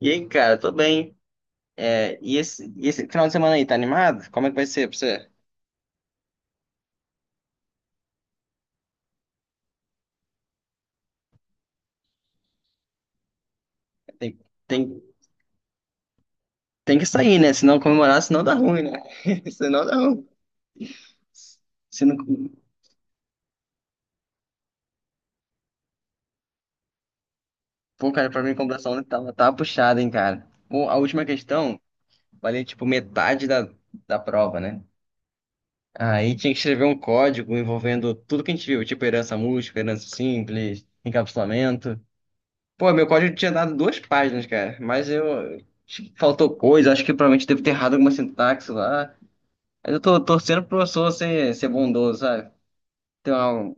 E aí, cara, tô bem. E esse final de semana aí, tá animado? Como é que vai ser pra você? Tem, tem, tem que sair, né? Se não comemorar, senão dá ruim, né? Senão dá ruim. Se não... Pô, cara, pra mim a computação tava puxada, hein, cara. Pô, a última questão valia, tipo, metade da prova, né? Aí tinha que escrever um código envolvendo tudo que a gente viu, tipo herança múltipla, herança simples, encapsulamento. Pô, meu código tinha dado duas páginas, cara. Mas, eu acho, faltou coisa, acho que provavelmente deve ter errado alguma sintaxe lá. Mas eu tô torcendo pro professor ser bondoso, sabe? Ter um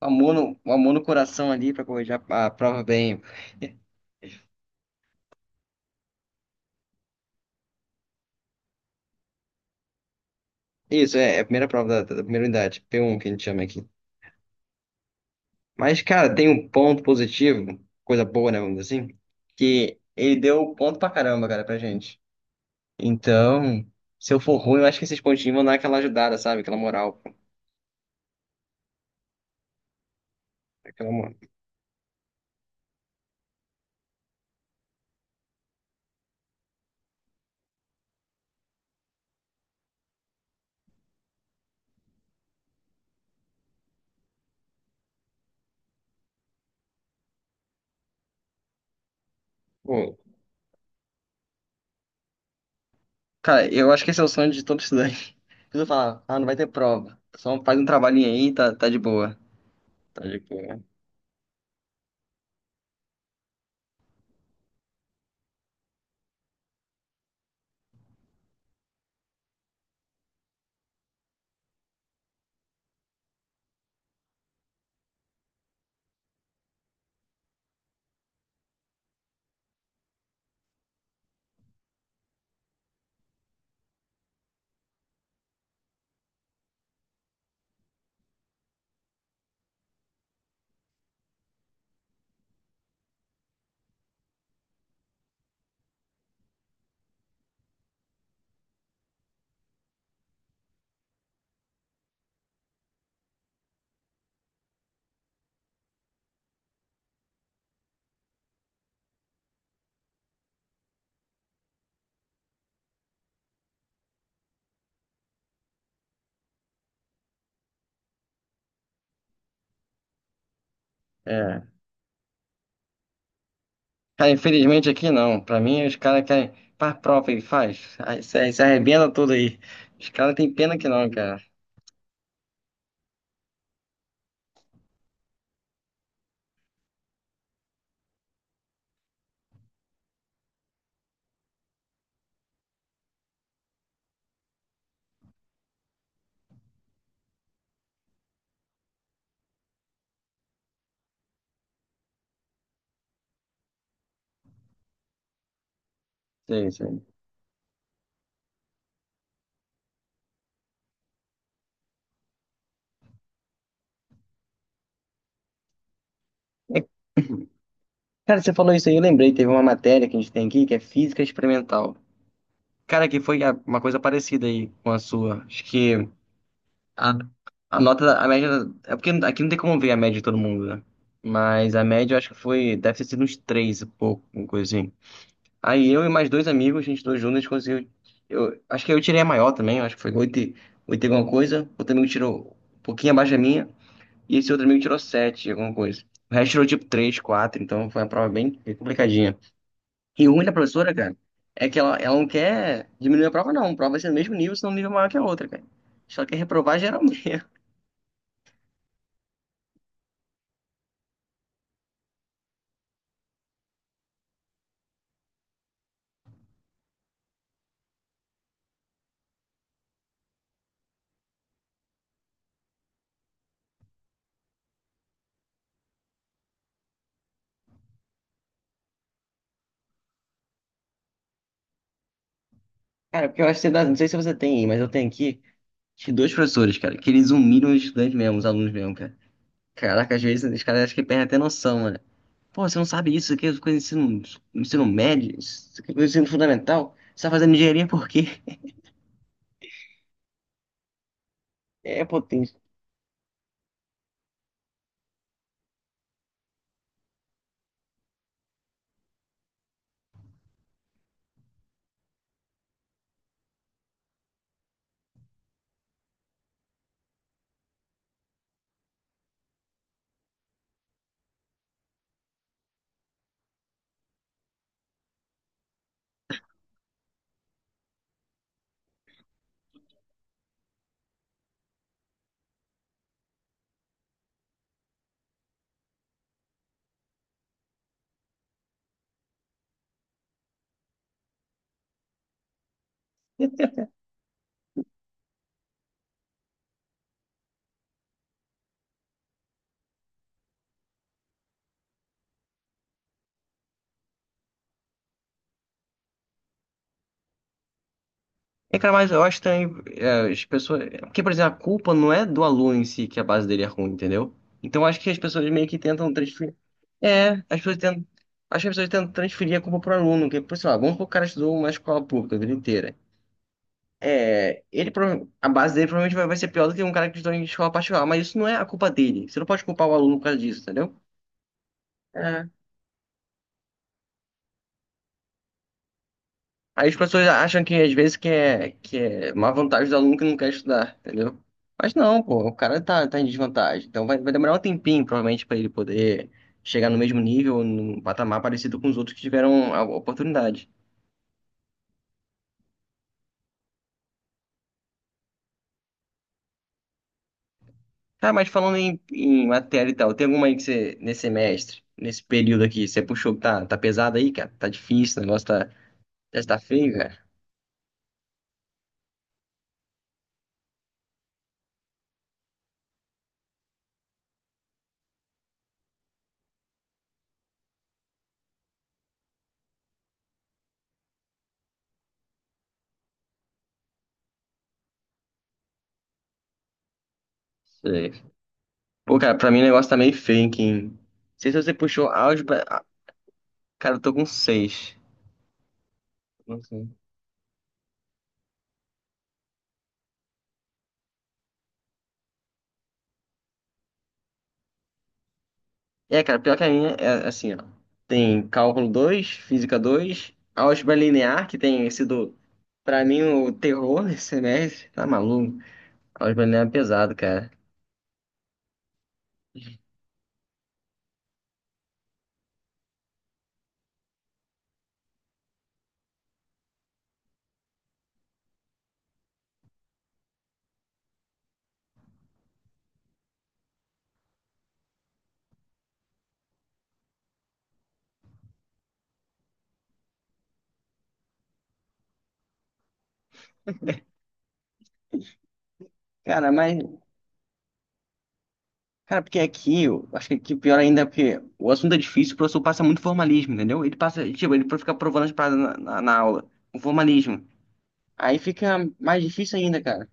amor no coração ali pra corrigir a prova bem. Isso, é, é a primeira prova da primeira unidade, P1 que a gente chama aqui. Mas, cara, tem um ponto positivo, coisa boa, né, vamos dizer assim, que ele deu ponto pra caramba, cara, pra gente. Então, se eu for ruim, eu acho que esses pontinhos vão dar aquela ajudada, sabe? Aquela moral. Aquela moral. Cara, eu acho que esse é o sonho de todo estudante. Preciso falar, ah, não vai ter prova. Só faz um trabalhinho aí, e tá de boa. Tá de boa. É. Cara, infelizmente aqui não. Pra mim, os caras querem. Faz prova aí, faz. Aí se arrebenta tudo aí. Os caras têm pena que não, cara. Sim, sim. Cara, você falou isso aí, eu lembrei. Teve uma matéria que a gente tem aqui que é física experimental. Cara, que foi a- uma coisa parecida aí com a sua. Acho que A, a nota, da- a média. Da- É porque aqui não tem como ver a média de todo mundo, né? Mas a média eu acho que foi. Deve ter sido uns três e pouco, uma coisa assim. Aí eu e mais dois amigos, a gente dois juntos, a gente conseguiu. Eu, acho que eu tirei a maior também, eu acho que foi oito e oito e alguma coisa. Outro amigo tirou um pouquinho abaixo da minha. E esse outro amigo tirou sete, e alguma coisa. O resto tirou tipo três, quatro, então foi uma prova bem complicadinha. E o ruim da professora, cara, é que ela não quer diminuir a prova, não. A prova vai ser no mesmo nível, se não um nível maior que a outra, cara. Só quer reprovar geral mesmo. Cara, porque eu acho que você não sei se você tem, aí, mas eu tenho aqui acho que dois professores, cara, que eles humilham os estudantes mesmo, os alunos mesmo, cara. Caraca, às vezes os caras acham que perdem até noção, mano. Pô, você não sabe isso aqui, é coisa de ensino, ensino médio, isso aqui é coisa de ensino fundamental? Você tá fazendo engenharia por quê? É potente. É, cara, mas eu acho também é, as pessoas. Porque, por exemplo, a culpa não é do aluno em si que a base dele é ruim, entendeu? Então eu acho que as pessoas meio que tentam transferir. É, as pessoas tentam. Acho que as pessoas tentam transferir a culpa pro aluno, que, por sei lá, vamos supor que o cara estudou uma escola pública a vida inteira. É, ele, prova- a base dele provavelmente vai ser pior do que um cara que estudou em escola particular, mas isso não é a culpa dele. Você não pode culpar o aluno por causa disso, entendeu? Aí as pessoas acham que às vezes que é uma vantagem do aluno que não quer estudar, entendeu? Mas não, pô, o cara tá em desvantagem. Então vai demorar um tempinho, provavelmente, pra ele poder chegar no mesmo nível, num patamar parecido com os outros que tiveram a oportunidade. Cara, mas falando em matéria e tal, tem alguma aí que você, nesse semestre, nesse período aqui, você puxou que tá pesado aí, cara? Tá difícil, o negócio tá, já tá feio, cara? Sei. Pô, cara, pra mim o negócio tá meio feio, hein? Não sei se você puxou álgebra. Ah, cara, eu tô com seis. É, cara, pior que a minha é assim, ó. Tem cálculo 2, física 2, álgebra linear, que tem sido, pra mim, o terror nesse semestre. Tá maluco? Álgebra linear é pesado, cara. Cara, mas, cara, porque aqui, eu acho que aqui pior ainda, é porque o assunto é difícil, o professor passa muito formalismo, entendeu? Ele passa, tipo, ele fica provando as paradas na aula, o formalismo. Aí fica mais difícil ainda, cara.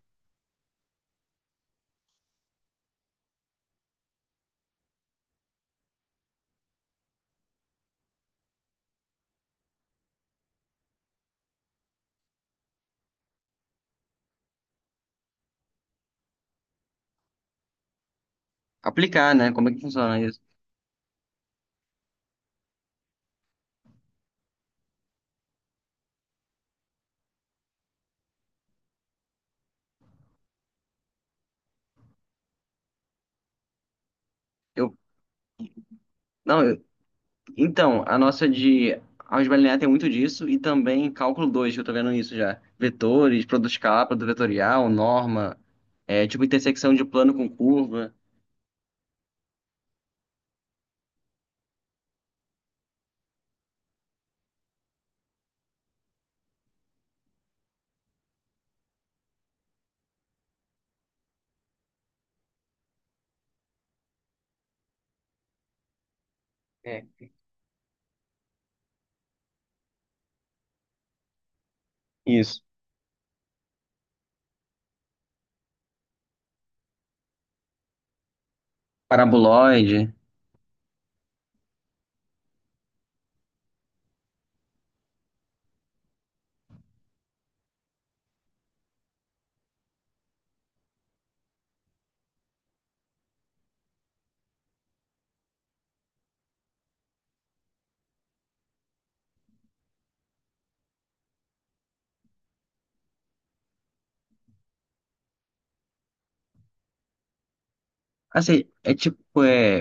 Aplicar, né? Como é que funciona isso? Eu, não. Então, a nossa de álgebra linear tem muito disso e também cálculo 2 que eu tô vendo isso já. Vetores, produto escalar, produto vetorial, norma, é, tipo intersecção de plano com curva. É, isso. Paraboloide. Assim, é tipo, é,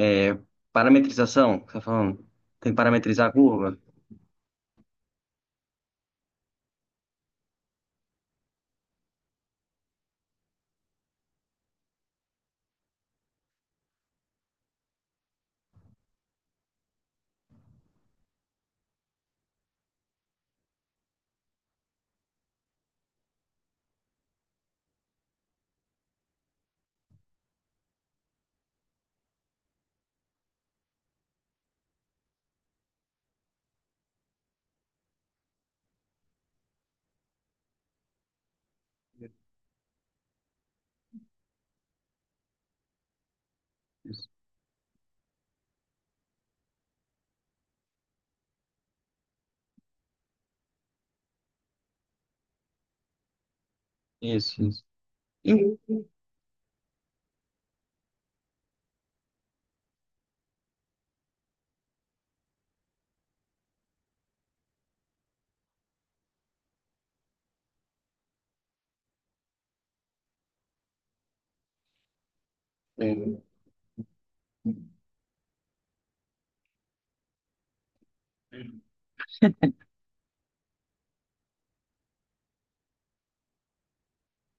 é parametrização, que você tá falando? Tem que parametrizar a curva? Isso. Isso, isso. E-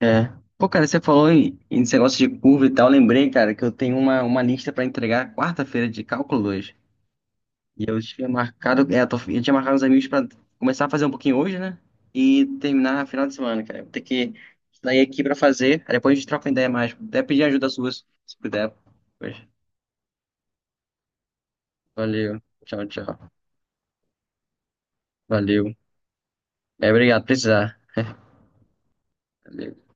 É. Pô, cara, você falou em, em esse negócio de curva e tal. Eu lembrei, cara, que eu tenho uma lista pra entregar quarta-feira de cálculo dois. E eu tinha marcado, é, eu tô- eu tinha marcado os amigos pra começar a fazer um pouquinho hoje, né? E terminar no final de semana, cara. Eu vou ter que sair aqui pra fazer. Aí depois a gente troca uma ideia mais. Vou até pedir ajuda sua, se puder. Pois. Valeu. Tchau, tchau. Valeu. É, obrigado, precisar. Valeu.